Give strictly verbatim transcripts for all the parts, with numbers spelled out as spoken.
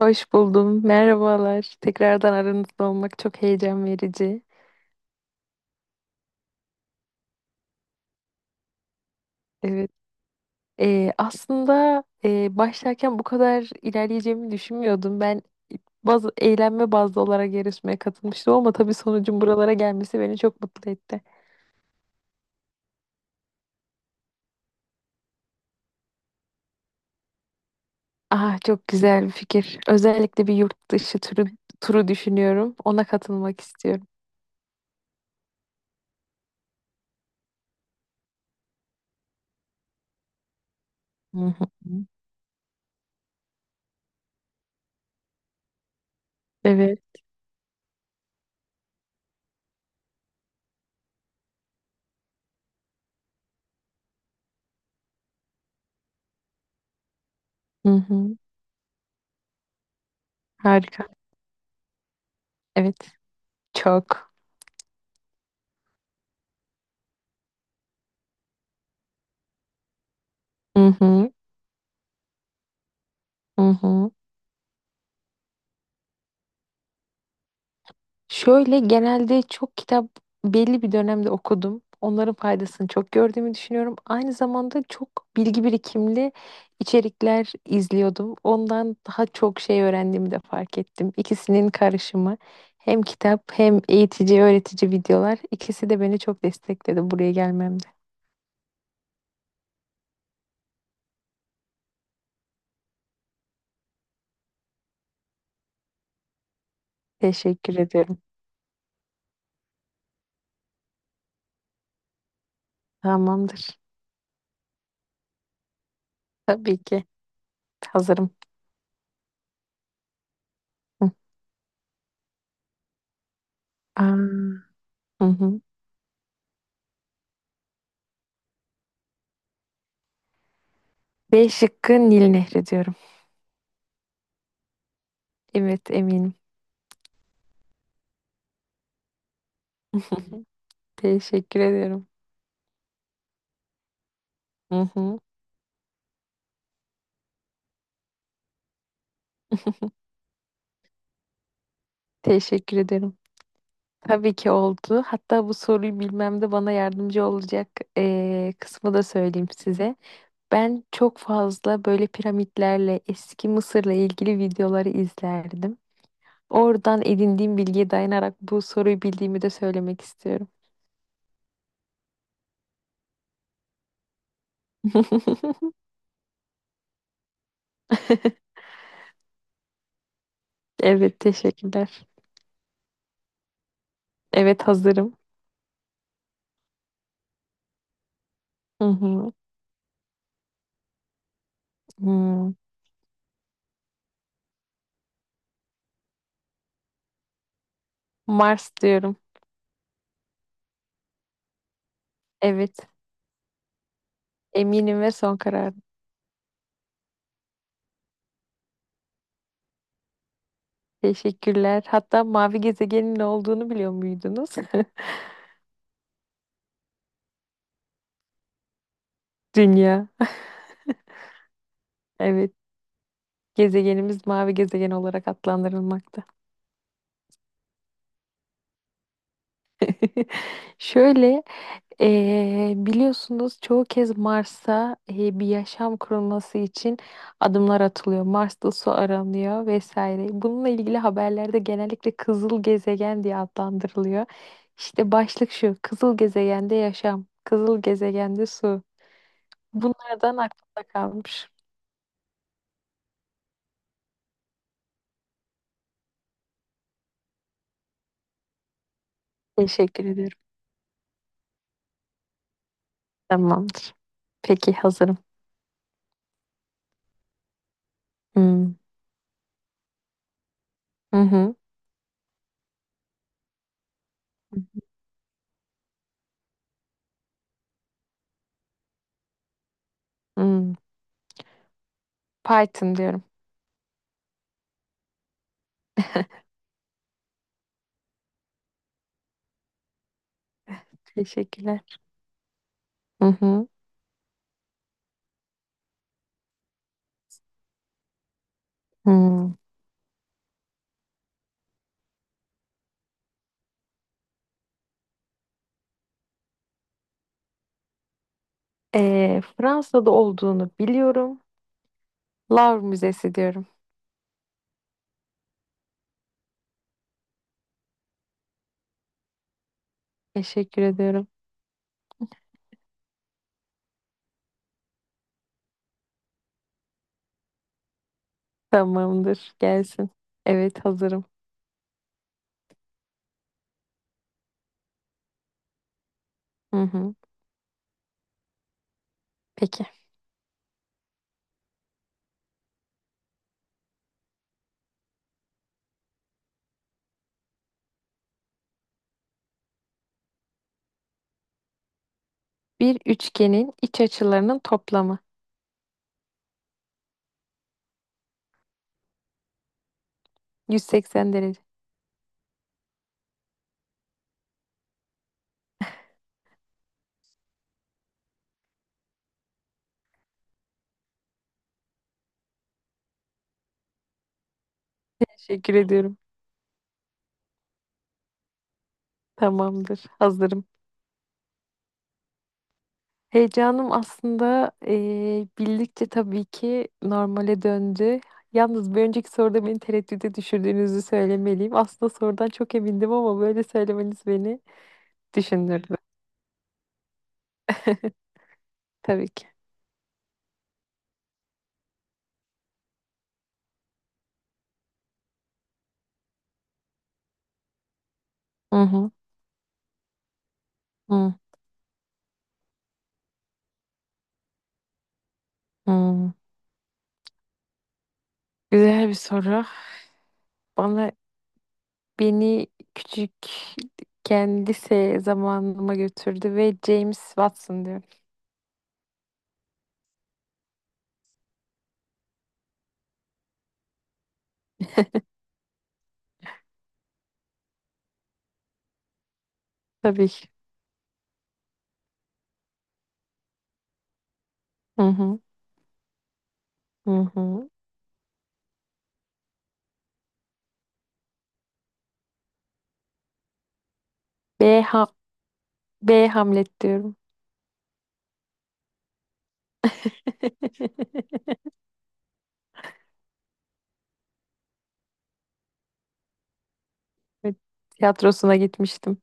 Hoş buldum. Merhabalar. Tekrardan aranızda olmak çok heyecan verici. Evet. Ee, aslında e, başlarken bu kadar ilerleyeceğimi düşünmüyordum. Ben bazı eğlenme bazlı olarak yarışmaya katılmıştım ama tabii sonucun buralara gelmesi beni çok mutlu etti. Ah çok güzel bir fikir. Özellikle bir yurt dışı turu, turu düşünüyorum. Ona katılmak istiyorum. Hı hı. Evet. Hı hı. Harika. Evet. Çok. Hı hı. Hı hı. Şöyle genelde çok kitap belli bir dönemde okudum. Onların faydasını çok gördüğümü düşünüyorum. Aynı zamanda çok bilgi birikimli içerikler izliyordum. Ondan daha çok şey öğrendiğimi de fark ettim. İkisinin karışımı, hem kitap hem eğitici öğretici videolar, ikisi de beni çok destekledi buraya gelmemde. Teşekkür ediyorum. Tamamdır. Tabii ki hazırım. Hı. Aa. Hı hı. B şıkkı Nil Nehri diyorum. Evet eminim. Teşekkür ediyorum. Hı hı. Teşekkür ederim. Tabii ki oldu. Hatta bu soruyu bilmemde bana yardımcı olacak eee, kısmı da söyleyeyim size. Ben çok fazla böyle piramitlerle, eski Mısır'la ilgili videoları izlerdim. Oradan edindiğim bilgiye dayanarak bu soruyu bildiğimi de söylemek istiyorum. Evet, teşekkürler. Evet, hazırım. Hı hı. Hmm. Mars diyorum. Evet, eminim ve son karar. Teşekkürler. Hatta mavi gezegenin ne olduğunu biliyor muydunuz? Dünya. Evet. Gezegenimiz mavi gezegen olarak adlandırılmakta. Şöyle, eee, biliyorsunuz çoğu kez Mars'a eee, bir yaşam kurulması için adımlar atılıyor. Mars'ta su aranıyor vesaire. Bununla ilgili haberlerde genellikle kızıl gezegen diye adlandırılıyor. İşte başlık şu, kızıl gezegende yaşam, kızıl gezegende su. Bunlardan aklımda kalmış. Teşekkür ederim. Tamamdır. Peki hazırım. Hmm. Hı hı. Hmm. Python diyorum. Teşekkürler. Hı hı. Hmm. Ee, Fransa'da olduğunu biliyorum. Louvre Müzesi diyorum. Teşekkür ediyorum. Tamamdır. Gelsin. Evet hazırım. Hı hı. Peki. Bir üçgenin iç açılarının toplamı. yüz seksen derece. Teşekkür ediyorum. Tamamdır. Hazırım. Heyecanım aslında eee, bildikçe tabii ki normale döndü. Yalnız bir önceki soruda beni tereddüde düşürdüğünüzü söylemeliyim. Aslında sorudan çok emindim ama böyle söylemeniz beni düşündürdü. Tabii ki. Hı hı, hı, hı. Güzel bir soru. Bana beni küçükken lise zamanıma götürdü ve James Watson diyorum. Tabii ki. Hı hı, hı hı. B, ha B Hamlet diyorum. Evet, tiyatrosuna gitmiştim.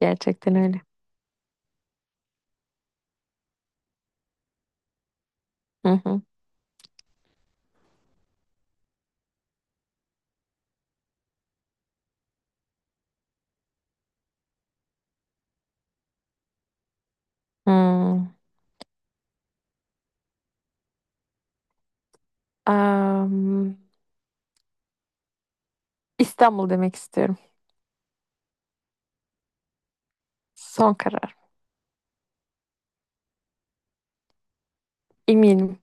Gerçekten öyle. Hı hı. Hmm. Am, İstanbul demek istiyorum. Son karar. Eminim.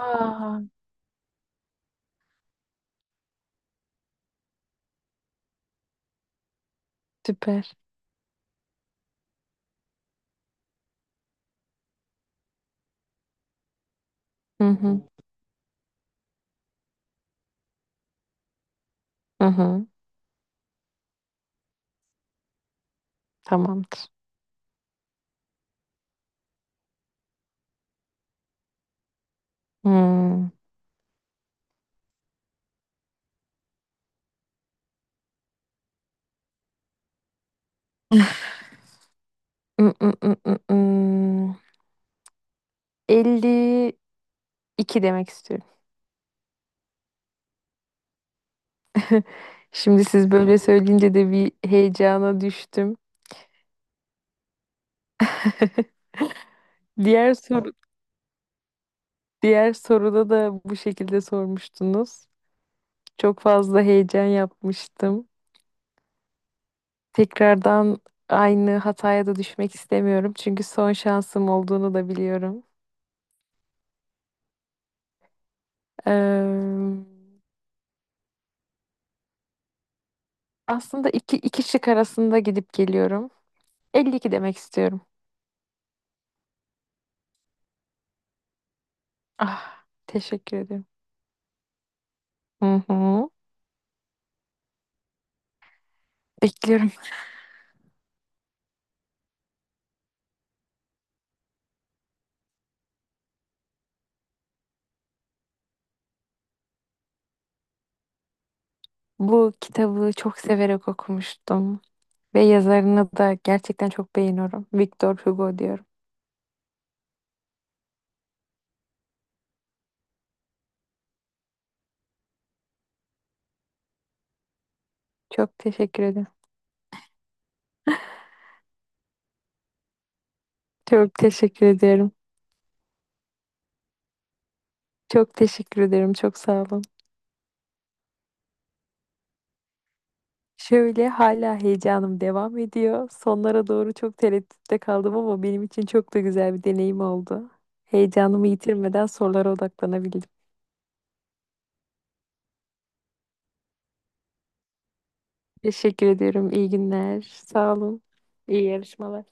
Aa, süper. Hı hı. Hı hı. Tamamdır. Hmm. Mm, mm, mm, mm, mm. elli iki demek istiyorum. Şimdi siz böyle söyleyince de bir heyecana düştüm. Diğer soru, diğer soruda da bu şekilde sormuştunuz. Çok fazla heyecan yapmıştım. Tekrardan aynı hataya da düşmek istemiyorum. Çünkü son şansım olduğunu da biliyorum. Eee, Aslında iki, iki şık arasında gidip geliyorum. Elli iki demek istiyorum. Ah, teşekkür ederim. Hı hı. Bekliyorum. Bu kitabı çok severek okumuştum. Ve yazarını da gerçekten çok beğeniyorum. Victor Hugo diyorum. Çok teşekkür ederim. Çok teşekkür ederim. Çok teşekkür ederim. Çok sağ olun. Şöyle hala heyecanım devam ediyor. Sonlara doğru çok tereddütte kaldım ama benim için çok da güzel bir deneyim oldu. Heyecanımı yitirmeden sorulara odaklanabildim. Teşekkür ediyorum. İyi günler. Sağ olun. İyi yarışmalar.